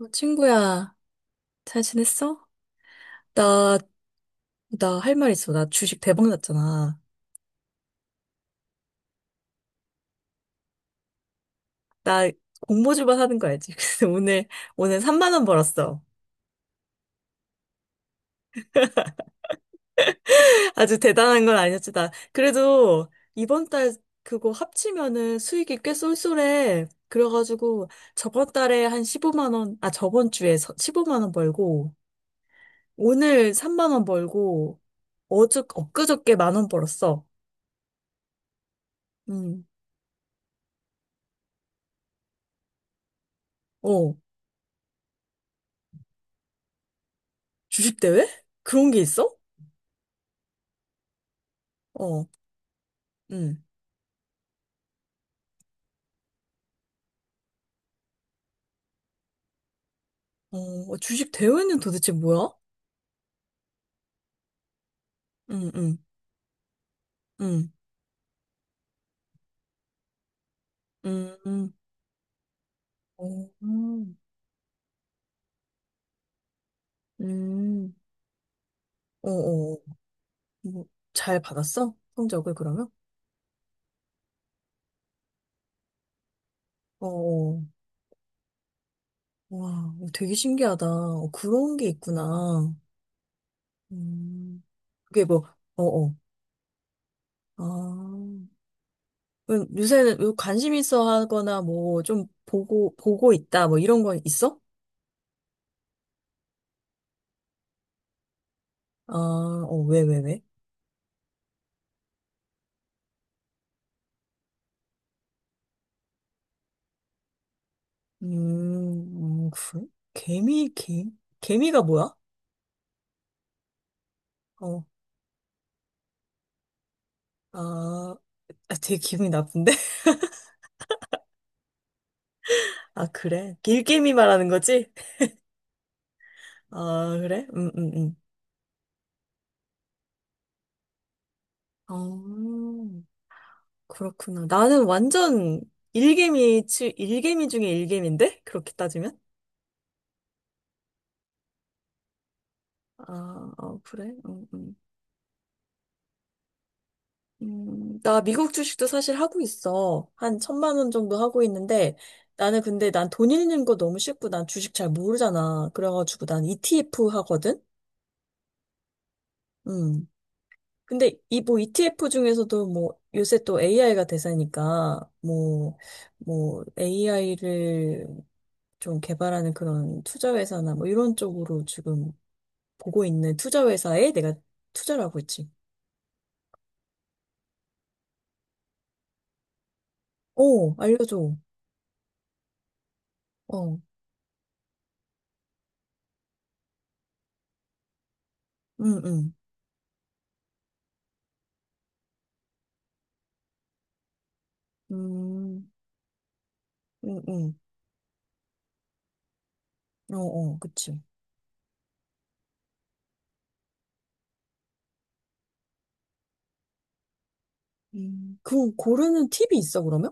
친구야, 잘 지냈어? 나, 나 할 말 있어. 나 주식 대박 났잖아. 나 공모주만 하는 거 알지? 그래서 오늘 3만 원 벌었어. 아주 대단한 건 아니었지. 나, 그래도 이번 달 그거 합치면은 수익이 꽤 쏠쏠해. 그래가지고 저번 달에 한 15만 원, 저번 주에 15만 원 벌고, 오늘 3만 원 벌고, 엊그저께 만 원 벌었어. 음. 어, 주식대회? 그런 게 있어? 어. 응. 어, 주식 대회는 도대체 뭐야? 응, 응, 응, 응, 응, 어, 음. 어, 어, 뭐, 잘 받았어? 성적을 그러면? 어, 어, 와, 되게 신기하다. 어, 그런 게 있구나. 음, 그게 뭐, 어, 어, 아. 그럼 요새는 관심 있어 하거나 뭐, 좀 보고 있다, 뭐 이런 건 있어? 아, 어, 왜? 음, 그래? 개미, 개, 개미가 뭐야? 어. 아, 아, 되게 기분이 나쁜데? 아, 그래? 일개미 말하는 거지? 아, 그래? 아, 그렇구나. 나는 완전 일개미 중에 일개미인데? 그렇게 따지면? 아, 어, 그래? 나 미국 주식도 사실 하고 있어. 한 천만 원 정도 하고 있는데, 나는 근데 난 돈 잃는 거 너무 싫고 난 주식 잘 모르잖아. 그래가지고 난 ETF 하거든? 음. 근데 이 뭐 ETF 중에서도 뭐 요새 또 AI가 대세니까 뭐 AI를 좀 개발하는 그런 투자 회사나 뭐 이런 쪽으로 지금 보고 있는 투자 회사에 내가 투자를 하고 있지. 오, 알려줘. 어, 응, 응, 음, 응, 응, 어, 어, 그치. 그 고르는 팁이 있어 그러면?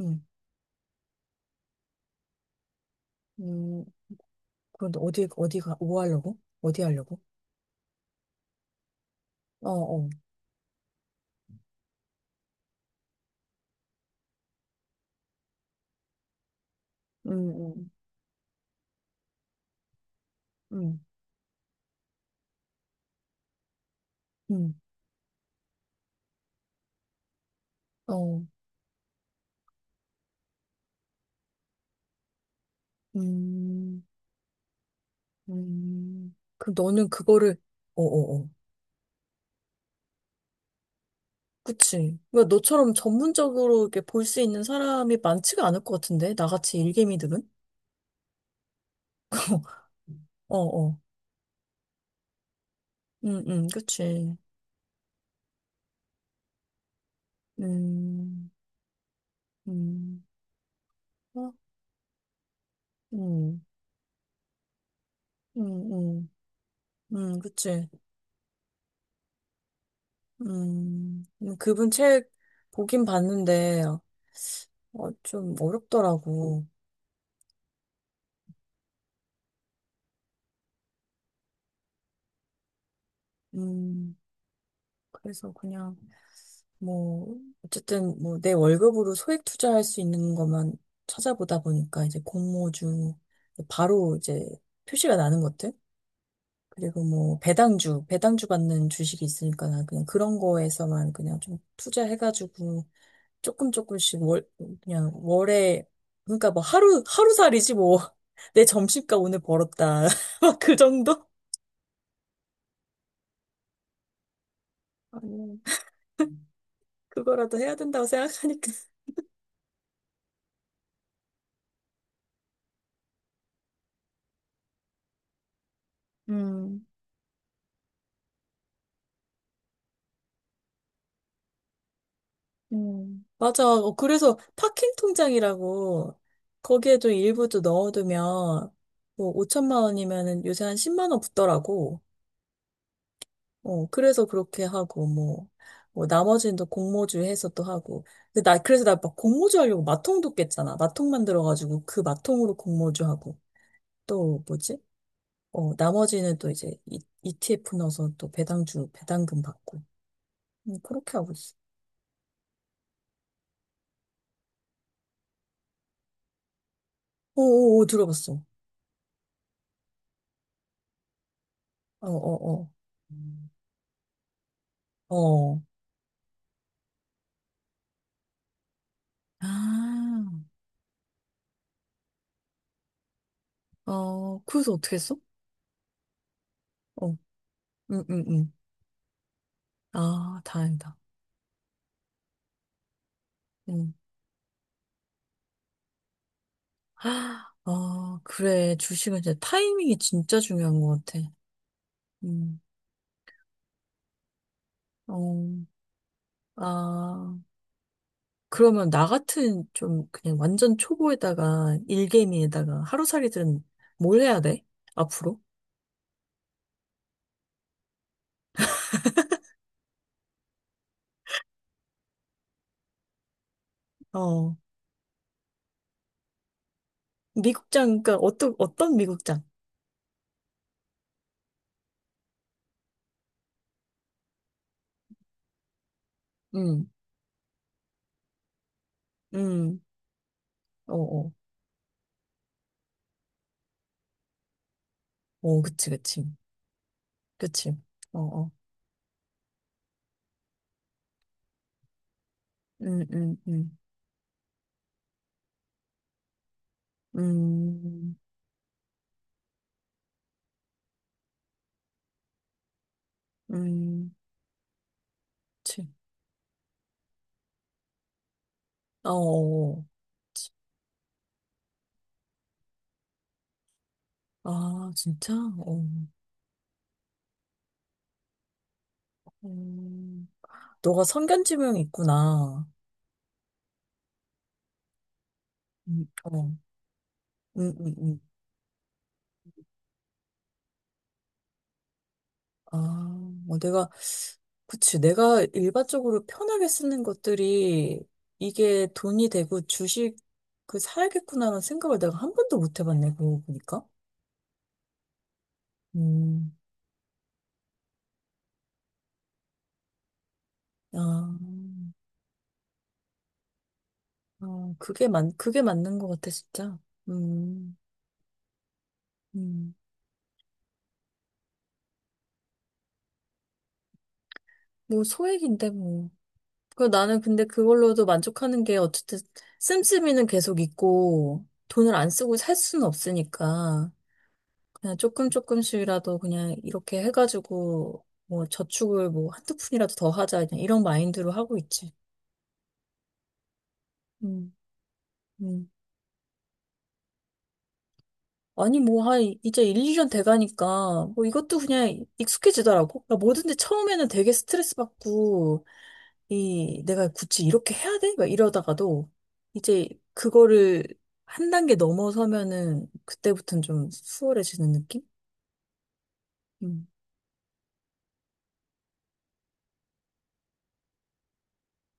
응, 음, 그런데 어디 어디가 뭐 하려고? 어디 하려고? 어, 어, 응, 응, 응, 응. 어. 음, 그럼 너는 그거를, 어어어. 그치. 왜 너처럼 전문적으로 이렇게 볼 수 있는 사람이 많지가 않을 것 같은데? 나같이 일개미들은? 어어. 응, 응, 그치. 음, 음, 어? 음, 음, 음, 그치. 그분 책 보긴 봤는데, 어, 좀 어렵더라고. 음, 그래서 그냥. 뭐, 어쨌든 뭐 내 월급으로 소액 투자할 수 있는 것만 찾아보다 보니까 이제 공모주, 바로 이제 표시가 나는 것들? 그리고 뭐 배당주 받는 주식이 있으니까 나 그냥 그런 거에서만 그냥 좀 투자해가지고 조금씩 월, 그냥 월에, 그러니까 뭐 하루살이지 뭐. 내 점심값 오늘 벌었다. 막 그 정도? 아니요. 그거라도 해야 된다고 생각하니까. 음. 맞아. 어, 그래서 파킹 통장이라고 거기에 좀 일부 좀 넣어두면 뭐 5천만 원이면은 요새 한 10만 원 붙더라고. 어, 그래서 그렇게 하고 뭐, 뭐 나머지는 또 공모주 해서 또 하고. 근데 나 막 공모주 하려고 마통도 깼잖아. 마통 만들어가지고 그 마통으로 공모주 하고 또 뭐지? 어, 나머지는 또 ETF 넣어서 또 배당주 배당금 받고 그렇게 하고 있어. 오오오 들어봤어. 어어 어. 어, 어. 음. 어. 아, 어, 그래서 어떻게 했어? 어, 응, 응, 응. 아, 다행이다. 응. 아, 그래. 주식은 진짜 타이밍이 진짜 중요한 것 같아. 음, 어, 아, 그러면 나 같은 좀 그냥 완전 초보에다가 일개미에다가 하루살이들은 뭘 해야 돼? 앞으로? 어, 미국장, 그러니까 어떤 미국장? 응, 응, 어, 어, 어, 그치, 그치, 어, 어, 응, 응, 응. 음, 음, 그치. 어, 어, 그치. 아, 진짜? 어. 음, 너가 성견지명 있구나. 어, 음, 음, 음. 아, 뭐 내가, 그치. 내가 일반적으로 편하게 쓰는 것들이 이게 돈이 되고 주식, 그, 사야겠구나라는 생각을 내가 한 번도 못 해봤네, 그러고 보니까. 음, 아, 그게 맞는 것 같아, 진짜. 음, 음. 뭐, 소액인데, 뭐. 그 나는 근데 그걸로도 만족하는 게 어쨌든 씀씀이는 계속 있고 돈을 안 쓰고 살 수는 없으니까 그냥 조금씩이라도 그냥 이렇게 해가지고 뭐 저축을 뭐 한두 푼이라도 더 하자 그냥 이런 마인드로 하고 있지. 음, 음. 아니 뭐 한 이제 일 이 년 돼가니까 뭐 이것도 그냥 익숙해지더라고. 그러니까 뭐든지 처음에는 되게 스트레스 받고 이 내가 굳이 이렇게 해야 돼? 막 이러다가도 이제 그거를 한 단계 넘어서면은 그때부터는 좀 수월해지는 느낌? 음.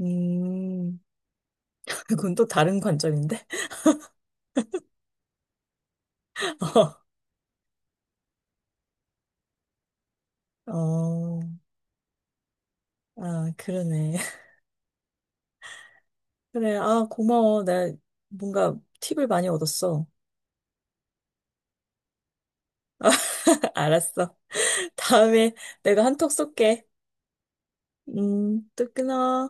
음, 그건 또 다른 관점인데? 어, 아, 그러네. 그래, 아, 고마워. 나 뭔가 팁을 많이 얻었어. 알았어. 다음에 내가 한턱 쏠게. 또 끊어.